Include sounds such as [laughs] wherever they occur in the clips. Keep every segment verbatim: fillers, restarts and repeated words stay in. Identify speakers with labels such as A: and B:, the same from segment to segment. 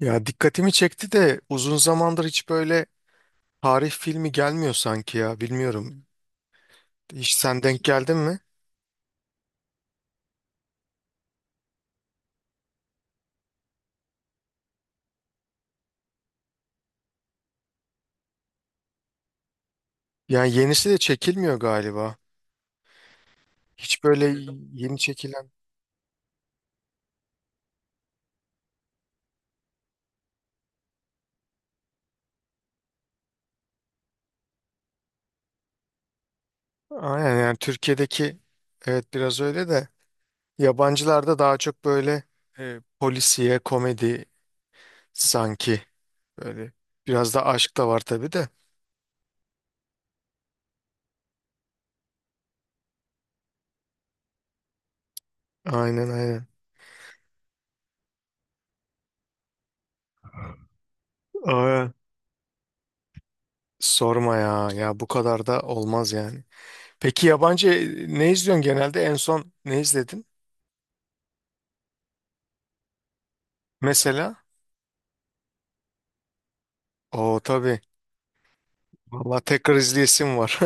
A: Ya dikkatimi çekti de uzun zamandır hiç böyle tarih filmi gelmiyor sanki ya bilmiyorum. Hiç sen denk geldin mi? Yani yenisi de çekilmiyor galiba. Hiç böyle yeni çekilen. Aynen yani Türkiye'deki, evet, biraz öyle de yabancılarda daha çok böyle e, polisiye komedi sanki, böyle biraz da aşk da var tabii de. Aynen, aynen. Aa, sorma ya, ya bu kadar da olmaz yani. Peki yabancı ne izliyorsun genelde? En son ne izledin? Mesela? Oo, tabii. Vallahi tekrar izleyesim var.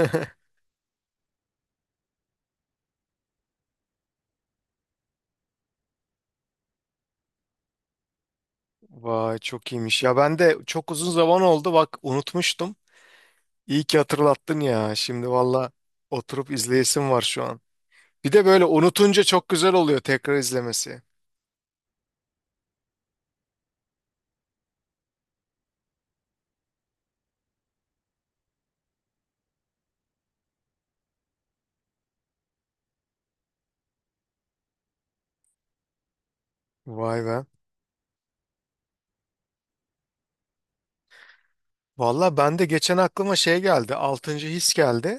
A: [laughs] Vay, çok iyiymiş. Ya ben de çok uzun zaman oldu. Bak, unutmuştum. İyi ki hatırlattın ya. Şimdi valla oturup izleyesim var şu an. Bir de böyle unutunca çok güzel oluyor tekrar izlemesi. Vay be. Valla ben de geçen aklıma şey geldi. Altıncı His geldi.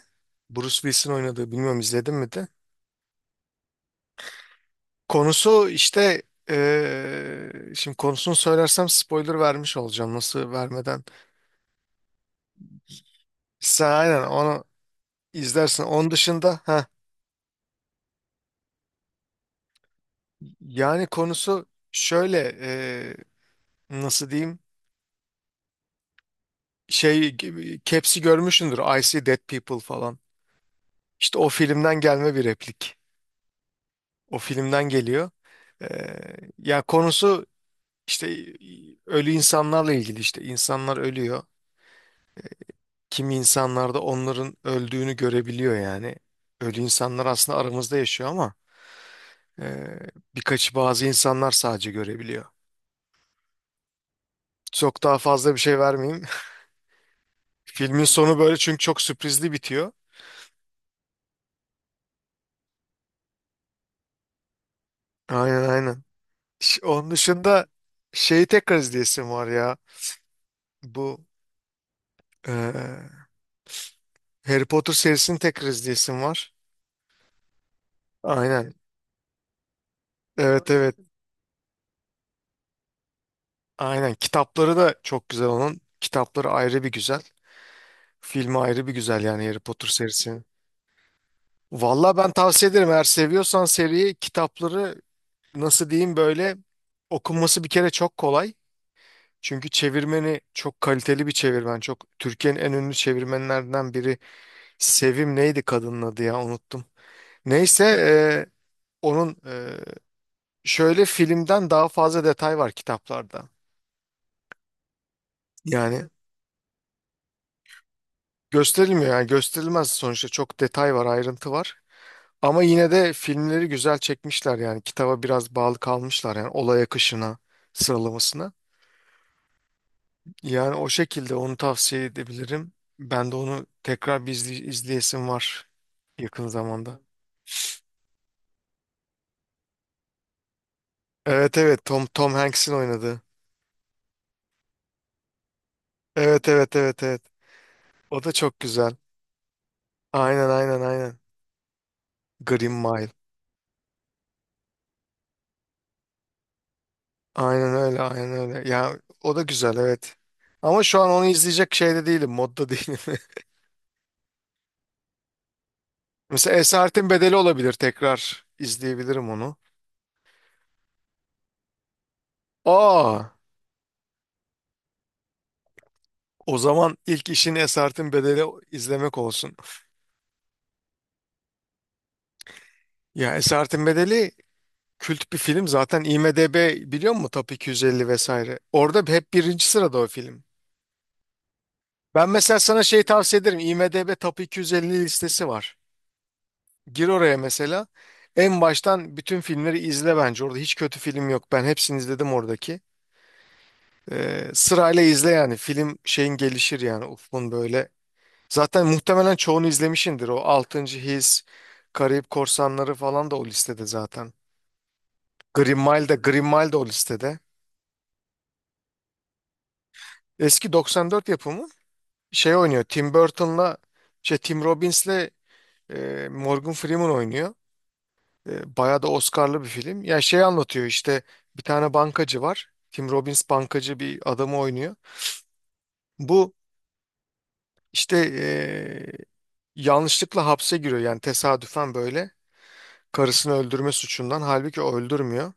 A: Bruce Willis'in oynadığı. Bilmiyorum izledin mi de? Konusu işte eee, şimdi konusunu söylersem spoiler vermiş olacağım, nasıl vermeden. Sen aynen onu izlersin. Onun dışında ha, yani konusu şöyle, eee, nasıl diyeyim, şey gibi- Caps'i görmüşsündür, I See Dead People falan. İşte o filmden gelme bir replik. O filmden geliyor. Eee ya konusu işte ölü insanlarla ilgili, işte insanlar ölüyor. Kimi insanlar da onların öldüğünü görebiliyor yani. Ölü insanlar aslında aramızda yaşıyor ama e, birkaçı, bazı insanlar sadece görebiliyor. Çok daha fazla bir şey vermeyeyim. [laughs] Filmin sonu böyle, çünkü çok sürprizli bitiyor. Aynen, aynen. Ş- Onun dışında şeyi tekrar izleyesim var ya. Bu e, Harry Potter serisini tekrar izleyesim var. Aynen. Evet, evet. Aynen. Kitapları da çok güzel onun. Kitapları ayrı bir güzel. Filmi ayrı bir güzel, yani Harry Potter serisi. Valla ben tavsiye ederim, eğer seviyorsan seriyi. Kitapları, nasıl diyeyim, böyle okunması bir kere çok kolay. Çünkü çevirmeni çok kaliteli bir çevirmen. Çok, Türkiye'nin en ünlü çevirmenlerinden biri. Sevim neydi kadının adı, ya unuttum. Neyse, e, onun e, şöyle filmden daha fazla detay var kitaplarda. Yani gösterilmiyor, yani gösterilmez sonuçta, çok detay var, ayrıntı var. Ama yine de filmleri güzel çekmişler, yani kitaba biraz bağlı kalmışlar, yani olay akışına, sıralamasına. Yani o şekilde onu tavsiye edebilirim. Ben de onu tekrar bir izley- izleyesim var yakın zamanda. Evet, evet, Tom Tom Hanks'in oynadığı. Evet, evet, evet, evet. O da çok güzel. Aynen, aynen, aynen. Green Mile. Aynen öyle, aynen öyle. Ya o da güzel, evet. Ama şu an onu izleyecek şeyde değilim, modda değilim. [laughs] Mesela Esaretin Bedeli olabilir, tekrar izleyebilirim onu. Aa, o zaman ilk işin Esaretin Bedeli izlemek olsun. Ya Esaretin Bedeli kült bir film zaten. IMDb, biliyor musun, Top iki yüz elli vesaire. Orada hep birinci sırada o film. Ben mesela sana şey tavsiye ederim. IMDb Top iki yüz elli listesi var. Gir oraya mesela. En baştan bütün filmleri izle bence. Orada hiç kötü film yok. Ben hepsini izledim oradaki. Ee, sırayla izle yani. Film şeyin gelişir yani. Ufkun böyle. Zaten muhtemelen çoğunu izlemişindir. O Altıncı His, Karayip Korsanları falan da o listede zaten. Green Mile de Green Mile de o listede. Eski doksan dört yapımı. Şey oynuyor, Tim Burton'la, şey, Tim Robbins'le e, Morgan Freeman oynuyor. E, bayağı da Oscar'lı bir film. Ya şey anlatıyor işte, bir tane bankacı var. Tim Robbins bankacı bir adamı oynuyor. Bu işte e, yanlışlıkla hapse giriyor, yani tesadüfen böyle. Karısını öldürme suçundan, halbuki o öldürmüyor.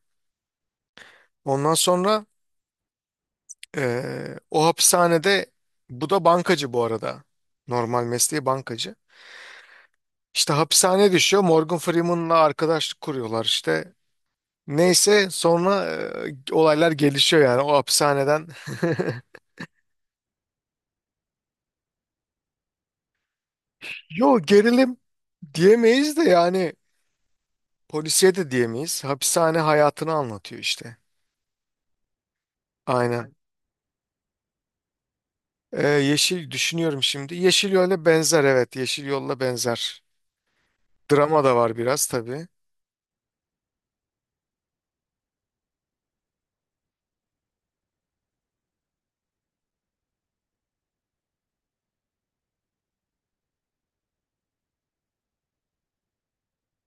A: Ondan sonra eee, o hapishanede, bu da bankacı bu arada. Normal mesleği bankacı. İşte hapishane düşüyor, Morgan Freeman'la arkadaşlık kuruyorlar işte. Neyse, sonra eee, olaylar gelişiyor yani o hapishaneden. [laughs] Yo, gerilim diyemeyiz de yani, polisiye de diyemeyiz. Hapishane hayatını anlatıyor işte. Aynen. Ee, Yeşil düşünüyorum şimdi. Yeşil Yol'a benzer, evet. Yeşil Yol'la benzer. Drama da var biraz tabii.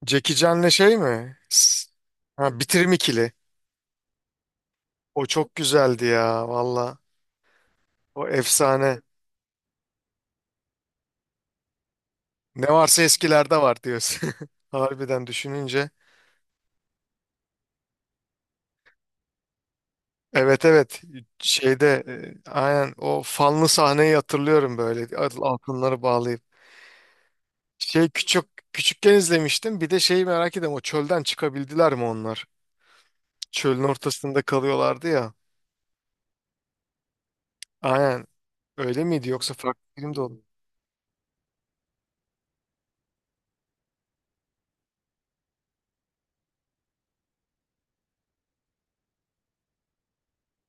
A: Jackie Chan'le şey mi? S- Ha, Bitirim ikili. O çok güzeldi ya, valla. O efsane. Ne varsa eskilerde var diyorsun. [laughs] Harbiden, düşününce. Evet, evet, şeyde e, aynen o fanlı sahneyi hatırlıyorum, böyle Al- altınları bağlayıp. Şey, küçük küçükken izlemiştim, bir de şeyi merak ediyorum, o çölden çıkabildiler mi onlar? Çölün ortasında kalıyorlardı ya. Aynen, öyle miydi yoksa farklı bir film de oldu?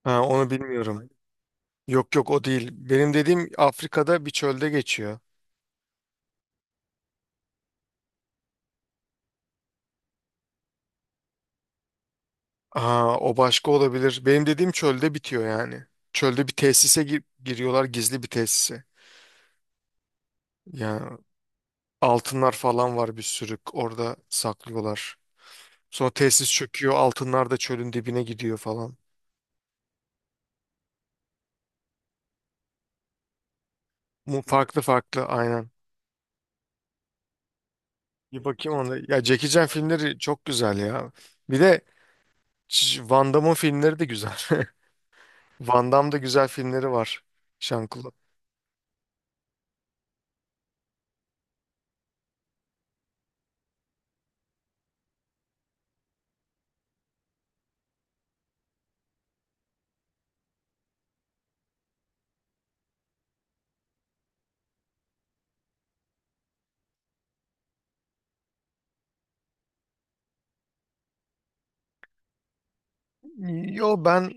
A: Ha, onu bilmiyorum. Yok, yok, o değil. Benim dediğim Afrika'da bir çölde geçiyor. Aa, o başka olabilir. Benim dediğim çölde bitiyor yani. Çölde bir tesise gir- giriyorlar, gizli bir tesise. Yani altınlar falan var bir sürü, orada saklıyorlar. Sonra tesis çöküyor, altınlar da çölün dibine gidiyor falan. Bu farklı, farklı aynen. Bir bakayım ona. Ya Jackie Chan filmleri çok güzel ya. Bir de Ç- Van Damme'ın filmleri de güzel. [laughs] Van Damme'da güzel filmleri var. Jean Yo, ben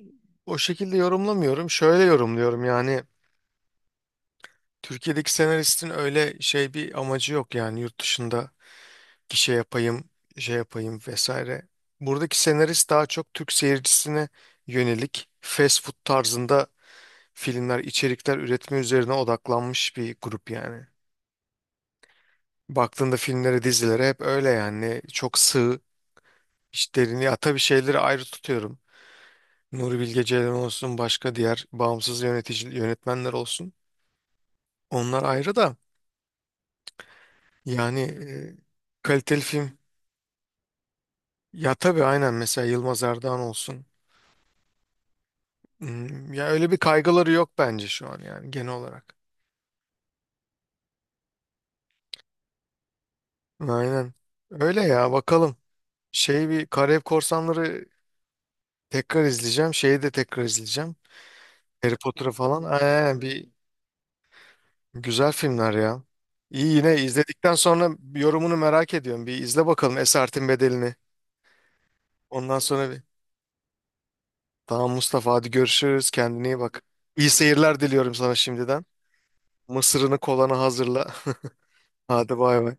A: o şekilde yorumlamıyorum. Şöyle yorumluyorum yani, Türkiye'deki senaristin öyle şey bir amacı yok, yani yurt dışında bir şey yapayım, şey yapayım vesaire. Buradaki senarist daha çok Türk seyircisine yönelik fast food tarzında filmler, içerikler üretme üzerine odaklanmış bir grup yani. Baktığında filmlere, dizilere hep öyle yani, çok sığ işlerini. Ya tabii şeyleri ayrı tutuyorum. Nuri Bilge Ceylan olsun, başka diğer bağımsız yönetici yönetmenler olsun. Onlar ayrı da yani, e, kaliteli film, ya tabii aynen, mesela Yılmaz Erdoğan olsun. Hmm, Ya öyle bir kaygıları yok bence şu an, yani genel olarak. Aynen. Öyle ya, bakalım. Şey, bir Karayip Korsanları tekrar izleyeceğim. Şeyi de tekrar izleyeceğim. Harry Potter'ı falan. Aynen, bir güzel filmler ya. İyi, yine izledikten sonra yorumunu merak ediyorum. Bir izle bakalım Esaretin Bedeli'ni. Ondan sonra bir... Tamam Mustafa, hadi görüşürüz. Kendine iyi bak. İyi seyirler diliyorum sana şimdiden. Mısırını, kolana hazırla. [laughs] Hadi bay bay.